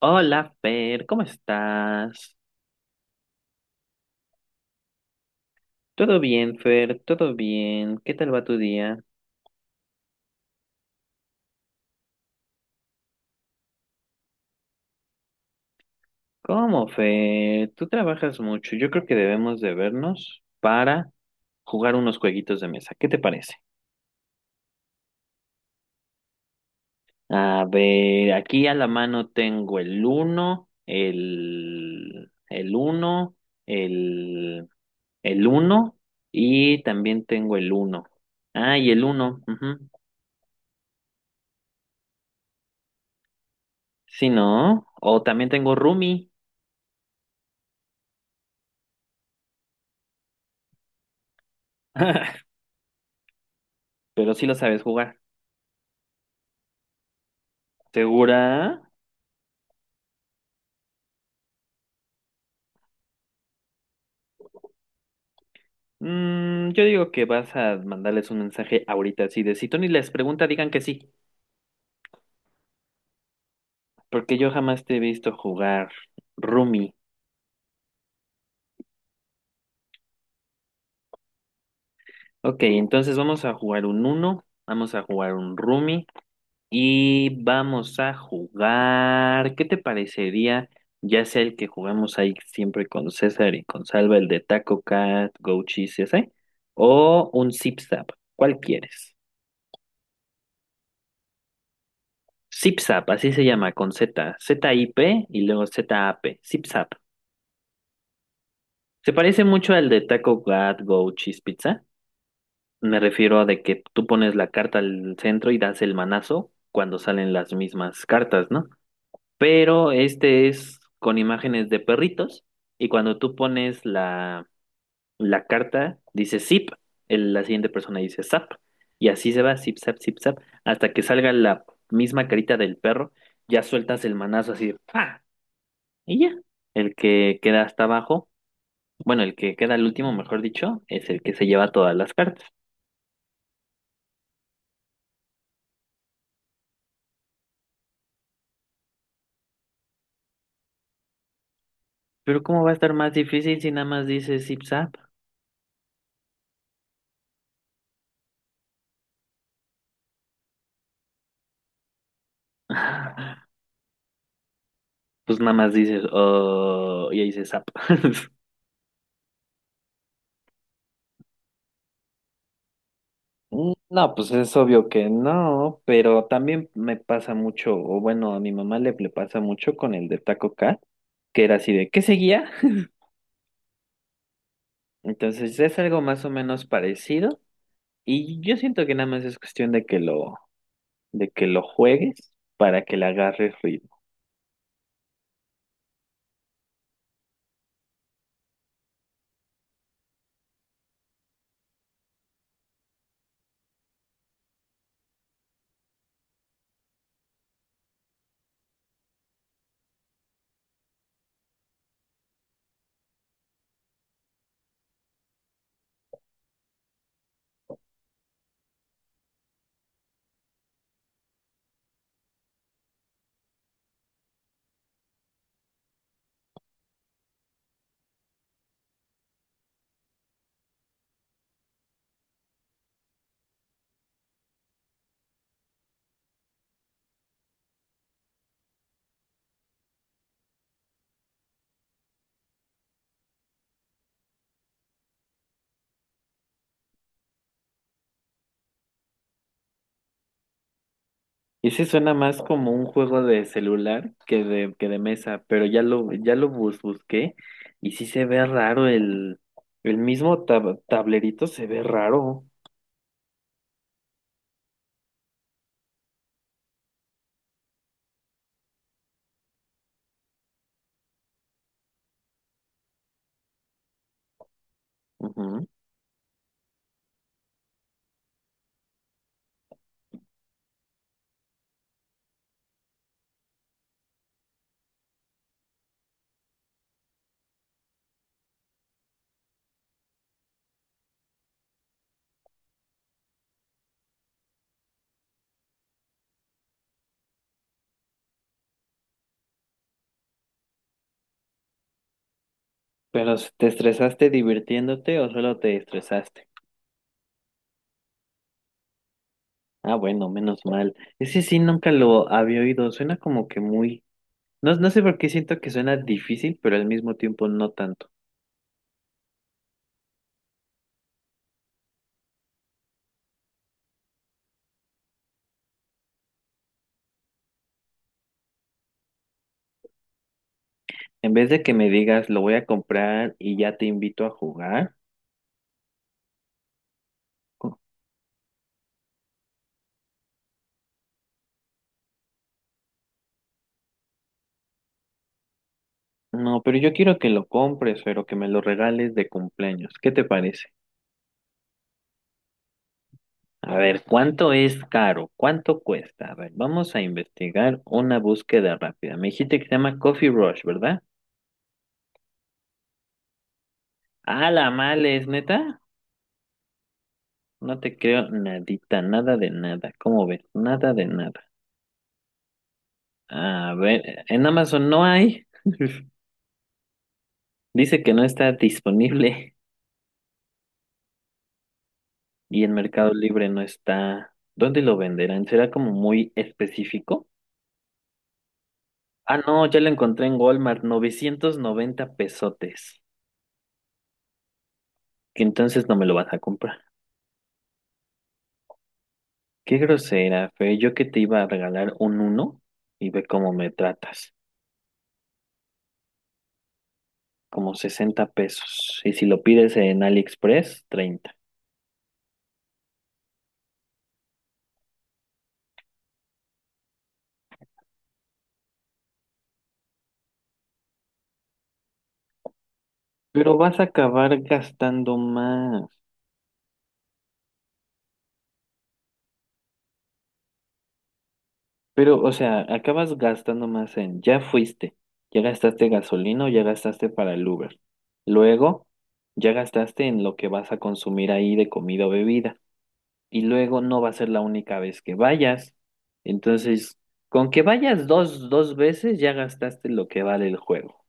Hola, Fer, ¿cómo estás? Todo bien, Fer, todo bien. ¿Qué tal va tu día? ¿Cómo, Fer? Tú trabajas mucho. Yo creo que debemos de vernos para jugar unos jueguitos de mesa. ¿Qué te parece? A ver, aquí a la mano tengo el uno, el uno, el, el uno y también tengo el uno. Ah, y el uno. Ujú. Sí, ¿no? O también tengo Rumi. Pero sí lo sabes jugar. ¿Segura? Yo digo que vas a mandarles un mensaje ahorita así de si Tony les pregunta, digan que sí, porque yo jamás te he visto jugar Rumi. Ok, entonces vamos a jugar un uno, vamos a jugar un Rumi y vamos a jugar. ¿Qué te parecería? Ya sea el que jugamos ahí siempre con César y con Salva, el de Taco Cat, Go Cheese, ese, o un Zip Zap. ¿Cuál quieres? Zipzap, así se llama, con Z. ZIP y luego ZAP. Zipzap. Se parece mucho al de Taco God Go Cheese Pizza. Me refiero a de que tú pones la carta al centro y das el manazo cuando salen las mismas cartas, ¿no? Pero este es con imágenes de perritos y cuando tú pones la carta, dice zip, la siguiente persona dice zap y así se va, zip, zap, hasta que salga la misma carita del perro, ya sueltas el manazo así, ¡pa! Y ya, el que queda hasta abajo, bueno, el que queda al último, mejor dicho, es el que se lleva todas las cartas. Pero ¿cómo va a estar más difícil si nada más dices zip zap? Pues nada más dices, oh, y ahí dices zap. Mm, no, pues es obvio que no, pero también me pasa mucho, o bueno, a mi mamá le pasa mucho con el de Taco Cat, que era así de, ¿qué seguía? Entonces es algo más o menos parecido y yo siento que nada más es cuestión de de que lo juegues para que le agarres ritmo. Y sí suena más como un juego de celular que de mesa, pero ya lo busqué y sí se ve raro el mismo tablerito se ve raro. Ujú. Pero ¿te estresaste divirtiéndote o solo te estresaste? Ah, bueno, menos mal. Ese sí nunca lo había oído. Suena como que muy... No, no sé por qué siento que suena difícil, pero al mismo tiempo no tanto. En vez de que me digas, lo voy a comprar y ya te invito a jugar. co- No, pero yo quiero que lo compres, pero que me lo regales de cumpleaños. ¿Qué te parece? A ver, ¿cuánto es caro? ¿Cuánto cuesta? A ver, vamos a investigar una búsqueda rápida. Me dijiste que se llama Coffee Rush, ¿verdad? Ah, la mala es neta. No te creo nadita, nada de nada. ¿Cómo ves? Nada de nada. A ver, en Amazon no hay. Dice que no está disponible. Y en Mercado Libre no está. ¿Dónde lo venderán? ¿Será como muy específico? Ah, no, ya lo encontré en Walmart, 990 pesotes. Que entonces no me lo vas a comprar. Qué grosera, Fe. Yo que te iba a regalar un uno y ve cómo me tratas. Como 60 pesos. Y si lo pides en AliExpress, 30. Pero vas a acabar gastando más. Pero, o sea, acabas gastando más en, ya fuiste, ya gastaste gasolina, o ya gastaste para el Uber. Luego, ya gastaste en lo que vas a consumir ahí de comida o bebida. Y luego no va a ser la única vez que vayas. Entonces, con que vayas dos, dos veces, ya gastaste lo que vale el juego.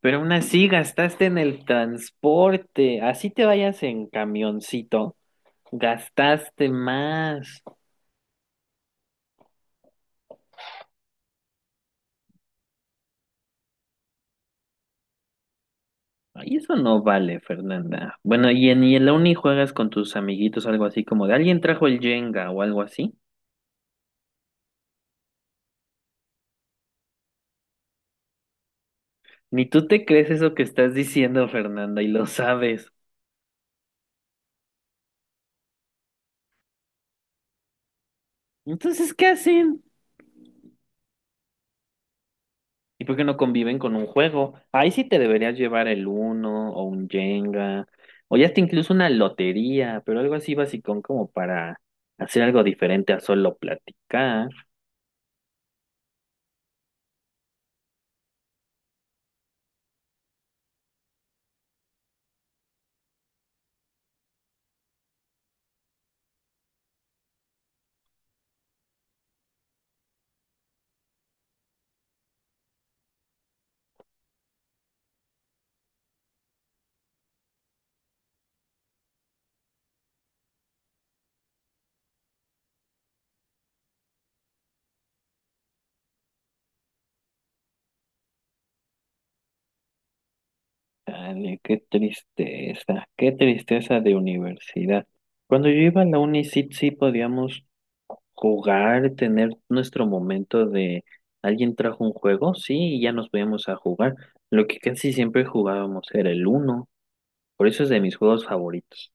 Pero aún así, gastaste en el transporte. Así te vayas en camioncito, gastaste más. Ay, eso no vale, Fernanda. Bueno, y en la uni juegas con tus amiguitos, algo así como de alguien trajo el Jenga o algo así. Ni tú te crees eso que estás diciendo, Fernanda, y lo sabes. Entonces, ¿qué hacen? ¿Y por qué no conviven con un juego? Ahí sí te deberías llevar el uno o un Jenga, o ya hasta incluso una lotería, pero algo así basicón como para hacer algo diferente a solo platicar. Dale, qué tristeza de universidad. Cuando yo iba a la uni, sí, sí podíamos jugar, tener nuestro momento de alguien trajo un juego, sí, y ya nos podíamos a jugar. Lo que casi siempre jugábamos era el uno, por eso es de mis juegos favoritos.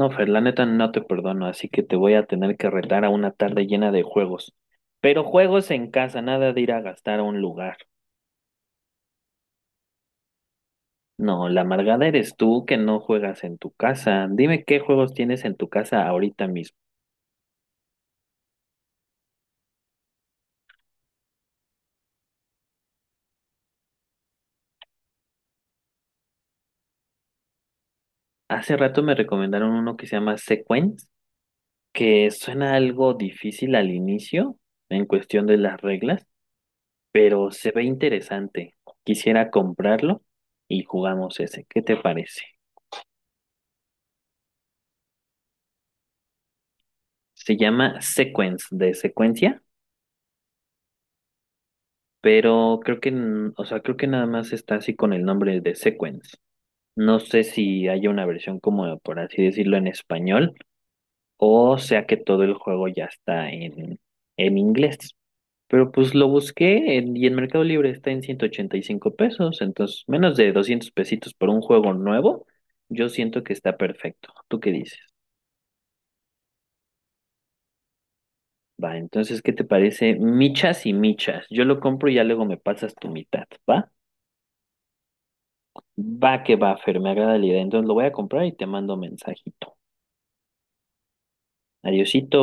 No, Fer, la neta no te perdono, así que te voy a tener que retar a una tarde llena de juegos. Pero juegos en casa, nada de ir a gastar a un lugar. No, la amargada eres tú que no juegas en tu casa. Dime qué juegos tienes en tu casa ahorita mismo. Hace rato me recomendaron uno que se llama Sequence, que suena algo difícil al inicio en cuestión de las reglas, pero se ve interesante. Quisiera comprarlo y jugamos ese. ¿Qué te parece? Se llama Sequence, de secuencia, pero creo que, o sea, creo que nada más está así con el nombre de Sequence. No sé si hay una versión como, por así decirlo, en español. O sea que todo el juego ya está en inglés. Pero pues lo y en Mercado Libre está en 185 pesos. Entonces, menos de 200 pesitos por un juego nuevo, yo siento que está perfecto. ¿Tú qué dices? Va, entonces, ¿qué te parece? Michas y michas. Yo lo compro y ya luego me pasas tu mitad, ¿va? Va que va, Fer, me agrada la idea. Entonces lo voy a comprar y te mando mensajito. Adiosito.